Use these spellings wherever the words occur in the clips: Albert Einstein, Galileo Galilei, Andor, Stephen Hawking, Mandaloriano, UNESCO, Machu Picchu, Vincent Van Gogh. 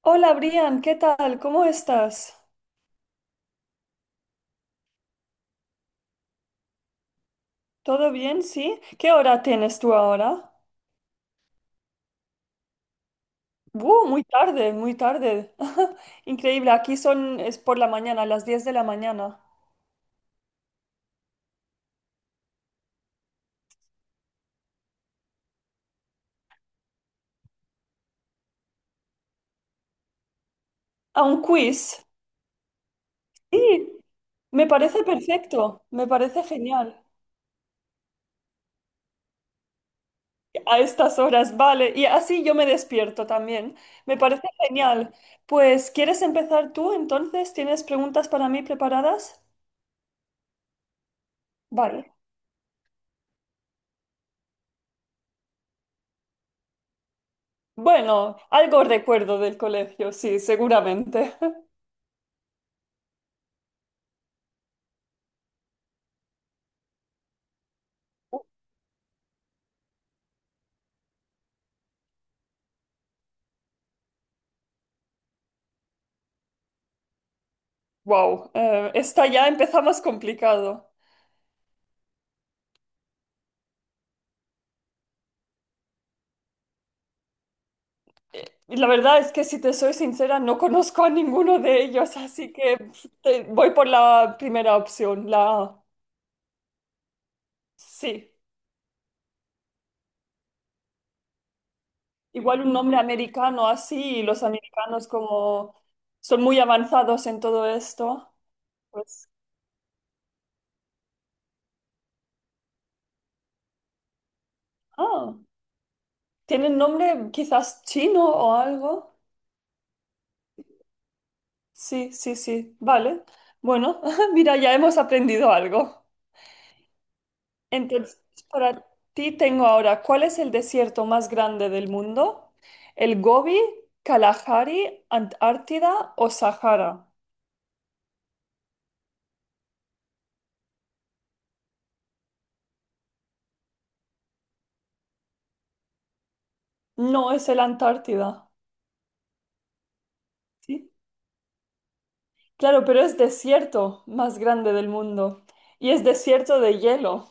Hola Brian, ¿qué tal? ¿Cómo estás? ¿Todo bien? ¿Sí? ¿Qué hora tienes tú ahora? Muy tarde, muy tarde. Increíble, aquí es por la mañana, las 10 de la mañana. ¿A un quiz? Sí, me parece perfecto, me parece genial. A estas horas, vale, y así yo me despierto también. Me parece genial. Pues, ¿quieres empezar tú entonces? ¿Tienes preguntas para mí preparadas? Vale. Bueno, algo recuerdo del colegio, sí, seguramente. Wow, esta ya empieza más complicado. Y la verdad es que si te soy sincera, no conozco a ninguno de ellos, así que voy por la primera opción, la A. Sí, igual un nombre americano así, y los americanos como son muy avanzados en todo esto, pues, ah, tienen nombre quizás chino o algo. Sí, sí, sí. Vale. Bueno, mira, ya hemos aprendido algo. Entonces, para ti tengo ahora, ¿cuál es el desierto más grande del mundo? ¿El Gobi, Kalahari, Antártida o Sahara? No, es el Antártida. Sí. Claro, pero es desierto más grande del mundo. Y es desierto de hielo.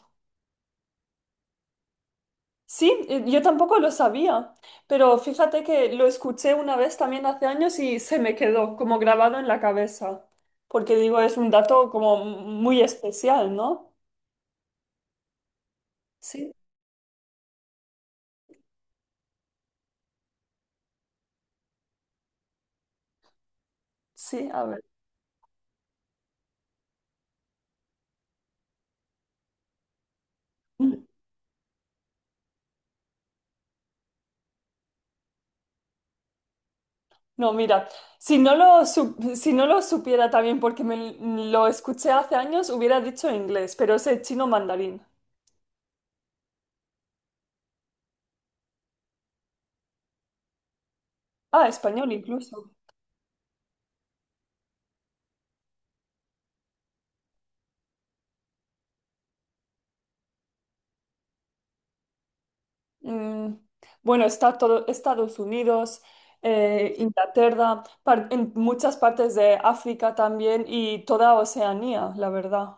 Sí, yo tampoco lo sabía, pero fíjate que lo escuché una vez también hace años y se me quedó como grabado en la cabeza, porque digo, es un dato como muy especial, ¿no? Sí, sí, a ver. No, mira, si no lo supiera también porque me lo escuché hace años, hubiera dicho inglés, pero es el chino mandarín. Ah, español incluso. Mm, bueno, está todo Estados Unidos, Inglaterra, en muchas partes de África también y toda Oceanía, la verdad.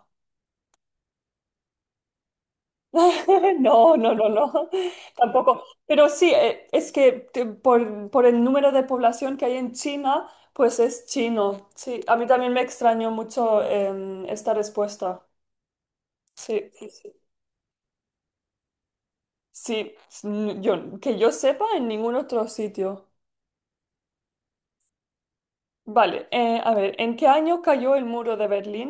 No, no, no, no, tampoco. Pero sí, es que por el número de población que hay en China, pues es chino. Sí, a mí también me extrañó mucho esta respuesta. Sí, sí, sí. Sí, yo, que yo sepa en ningún otro sitio. Vale, a ver, ¿en qué año cayó el muro de Berlín?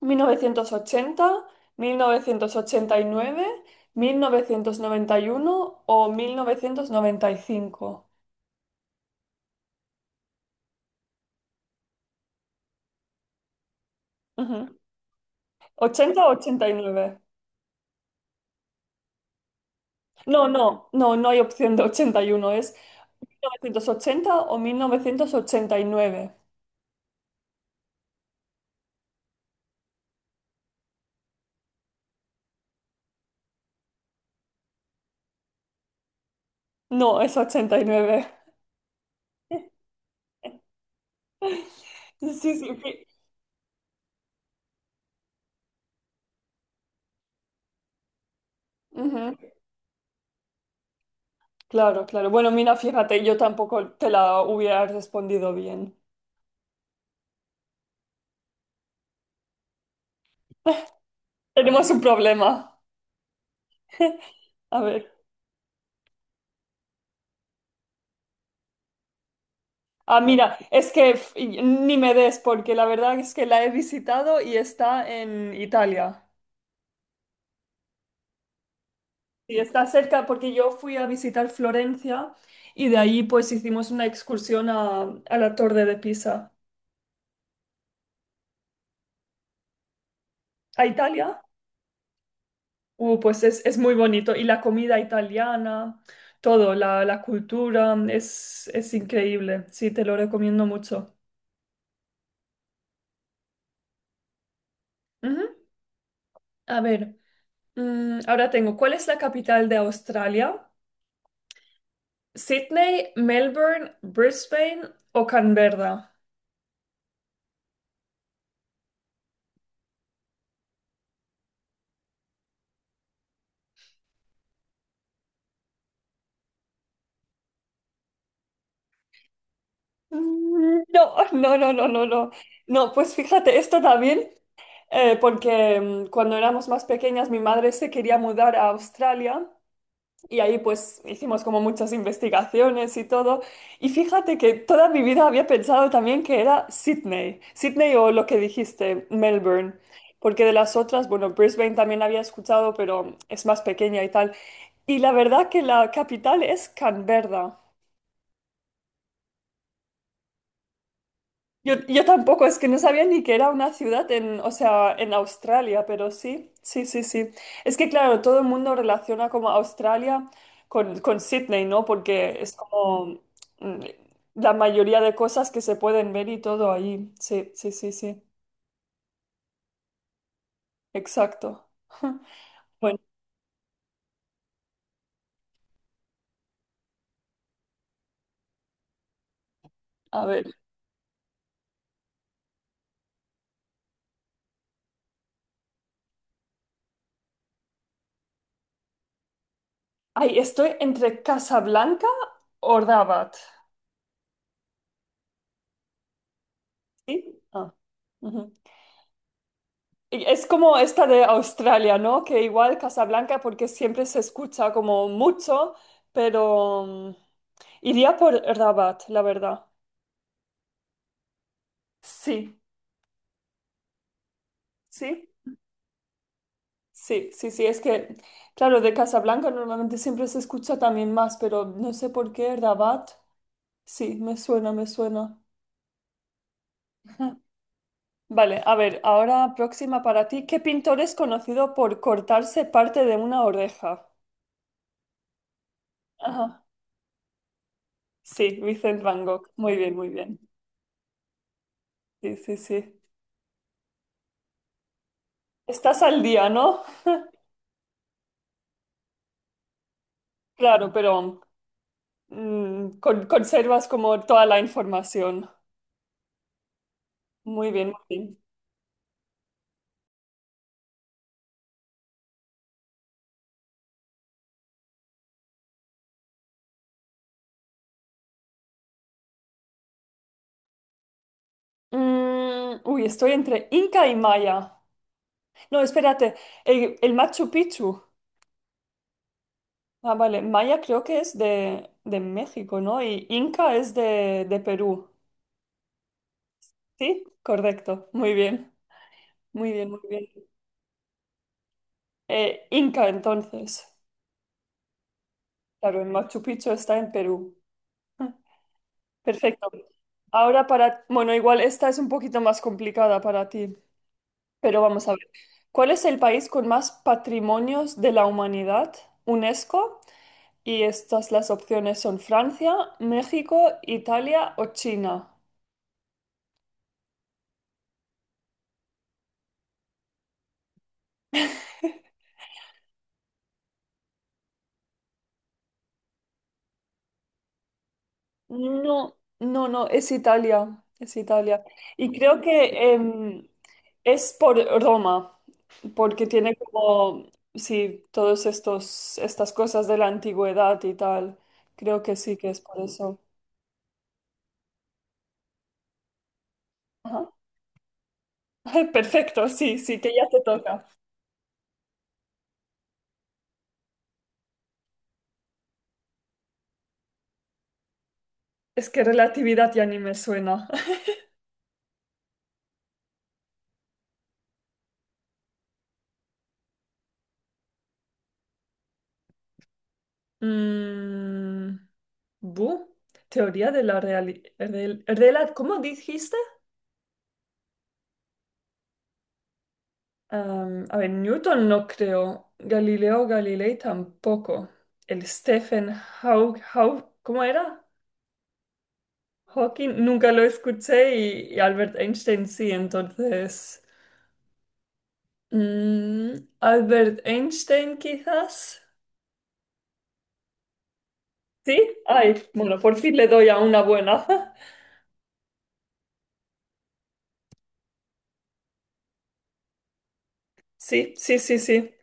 Mil novecientos ochenta, ochenta y nueve, 1991 o 1995? Ujú. Ochenta o 89. No, no, no, no hay opción de 81, es 1980 o 1989. No, es 89. Sí, sí, sí. Ujú. Claro, claro. Bueno, mira, fíjate, yo tampoco te la hubiera respondido bien. Tenemos un problema. A ver. Ah, mira, es que ni me des, porque la verdad es que la he visitado y está en Italia. Y está cerca porque yo fui a visitar Florencia y de ahí pues hicimos una excursión a la Torre de Pisa. ¿A Italia? Pues es muy bonito. Y la comida italiana, todo, la cultura, es increíble. Sí, te lo recomiendo mucho. Ujú. A ver, ahora tengo, ¿cuál es la capital de Australia? Sydney, Melbourne, Brisbane o Canberra. Mm, no, no, no, no, no, no. No, pues fíjate, esto también, porque cuando éramos más pequeñas mi madre se quería mudar a Australia. Y ahí pues hicimos como muchas investigaciones y todo. Y fíjate que toda mi vida había pensado también que era Sydney, Sydney o lo que dijiste, Melbourne. Porque de las otras, bueno, Brisbane también había escuchado, pero es más pequeña y tal. Y la verdad que la capital es Canberra. Yo tampoco, es que no sabía ni que era una ciudad en, o sea, en Australia, pero sí, sí, sí, sí. Es que claro, todo el mundo relaciona como Australia con Sydney, ¿no? Porque es como mm, la mayoría de cosas que se pueden ver y todo ahí. Sí, sí, sí, sí. Exacto. Bueno, a ver. Ay, estoy entre Casablanca o Rabat. ¿Sí? Ah, ujú. Y es como esta de Australia, ¿no? Que igual Casablanca, porque siempre se escucha como mucho, pero iría por Rabat, la verdad. Sí, sí, sí, sí, sí. Es que, claro, de Casablanca normalmente siempre se escucha también más, pero no sé por qué Rabat. Sí, me suena, me suena. Vale, a ver, ahora próxima para ti. ¿Qué pintor es conocido por cortarse parte de una oreja? Ajá. Sí, Vincent Van Gogh. Muy bien, muy bien. Sí, sí, sí. Estás al día, ¿no? Claro, pero conservas como toda la información. Muy bien, muy bien. Uy, estoy entre Inca y Maya. No, espérate, el Machu Picchu. Ah, vale, Maya creo que es de México, ¿no? Y Inca es de Perú. ¿Sí? Correcto, muy bien, muy bien, muy bien. Inca entonces. Claro, el Machu Picchu está en Perú. Ah. Perfecto. Ahora para, bueno, igual esta es un poquito más complicada para ti, pero vamos a ver. ¿Cuál es el país con más patrimonios de la humanidad? UNESCO. Y estas las opciones son Francia, México, Italia o China. No, no, no, es Italia, es Italia. Y creo que es por Roma, porque tiene como, sí, todos estos, estas cosas de la antigüedad y tal. Creo que sí que es por eso. Ajá. Perfecto, sí, sí, que ya te toca. Es que relatividad ya ni me suena. Mm, bu, teoría de la realidad. ¿Cómo dijiste? A ver, Newton no creo. Galileo Galilei tampoco. El Stephen Hawking, ¿cómo era? Hawking nunca lo escuché y Albert Einstein sí, entonces. mm, Albert Einstein quizás. Sí, ay, bueno, por fin le doy a una buena. Sí, sí, sí, sí.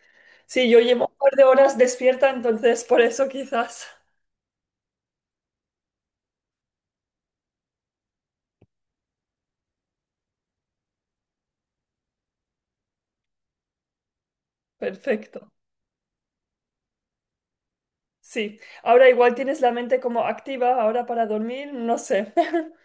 Sí, yo llevo un par de horas despierta, entonces por eso quizás. Perfecto. Sí, ahora igual tienes la mente como activa, ahora para dormir, no sé.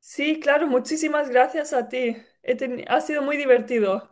Sí, claro, muchísimas gracias a ti. He ha sido muy divertido.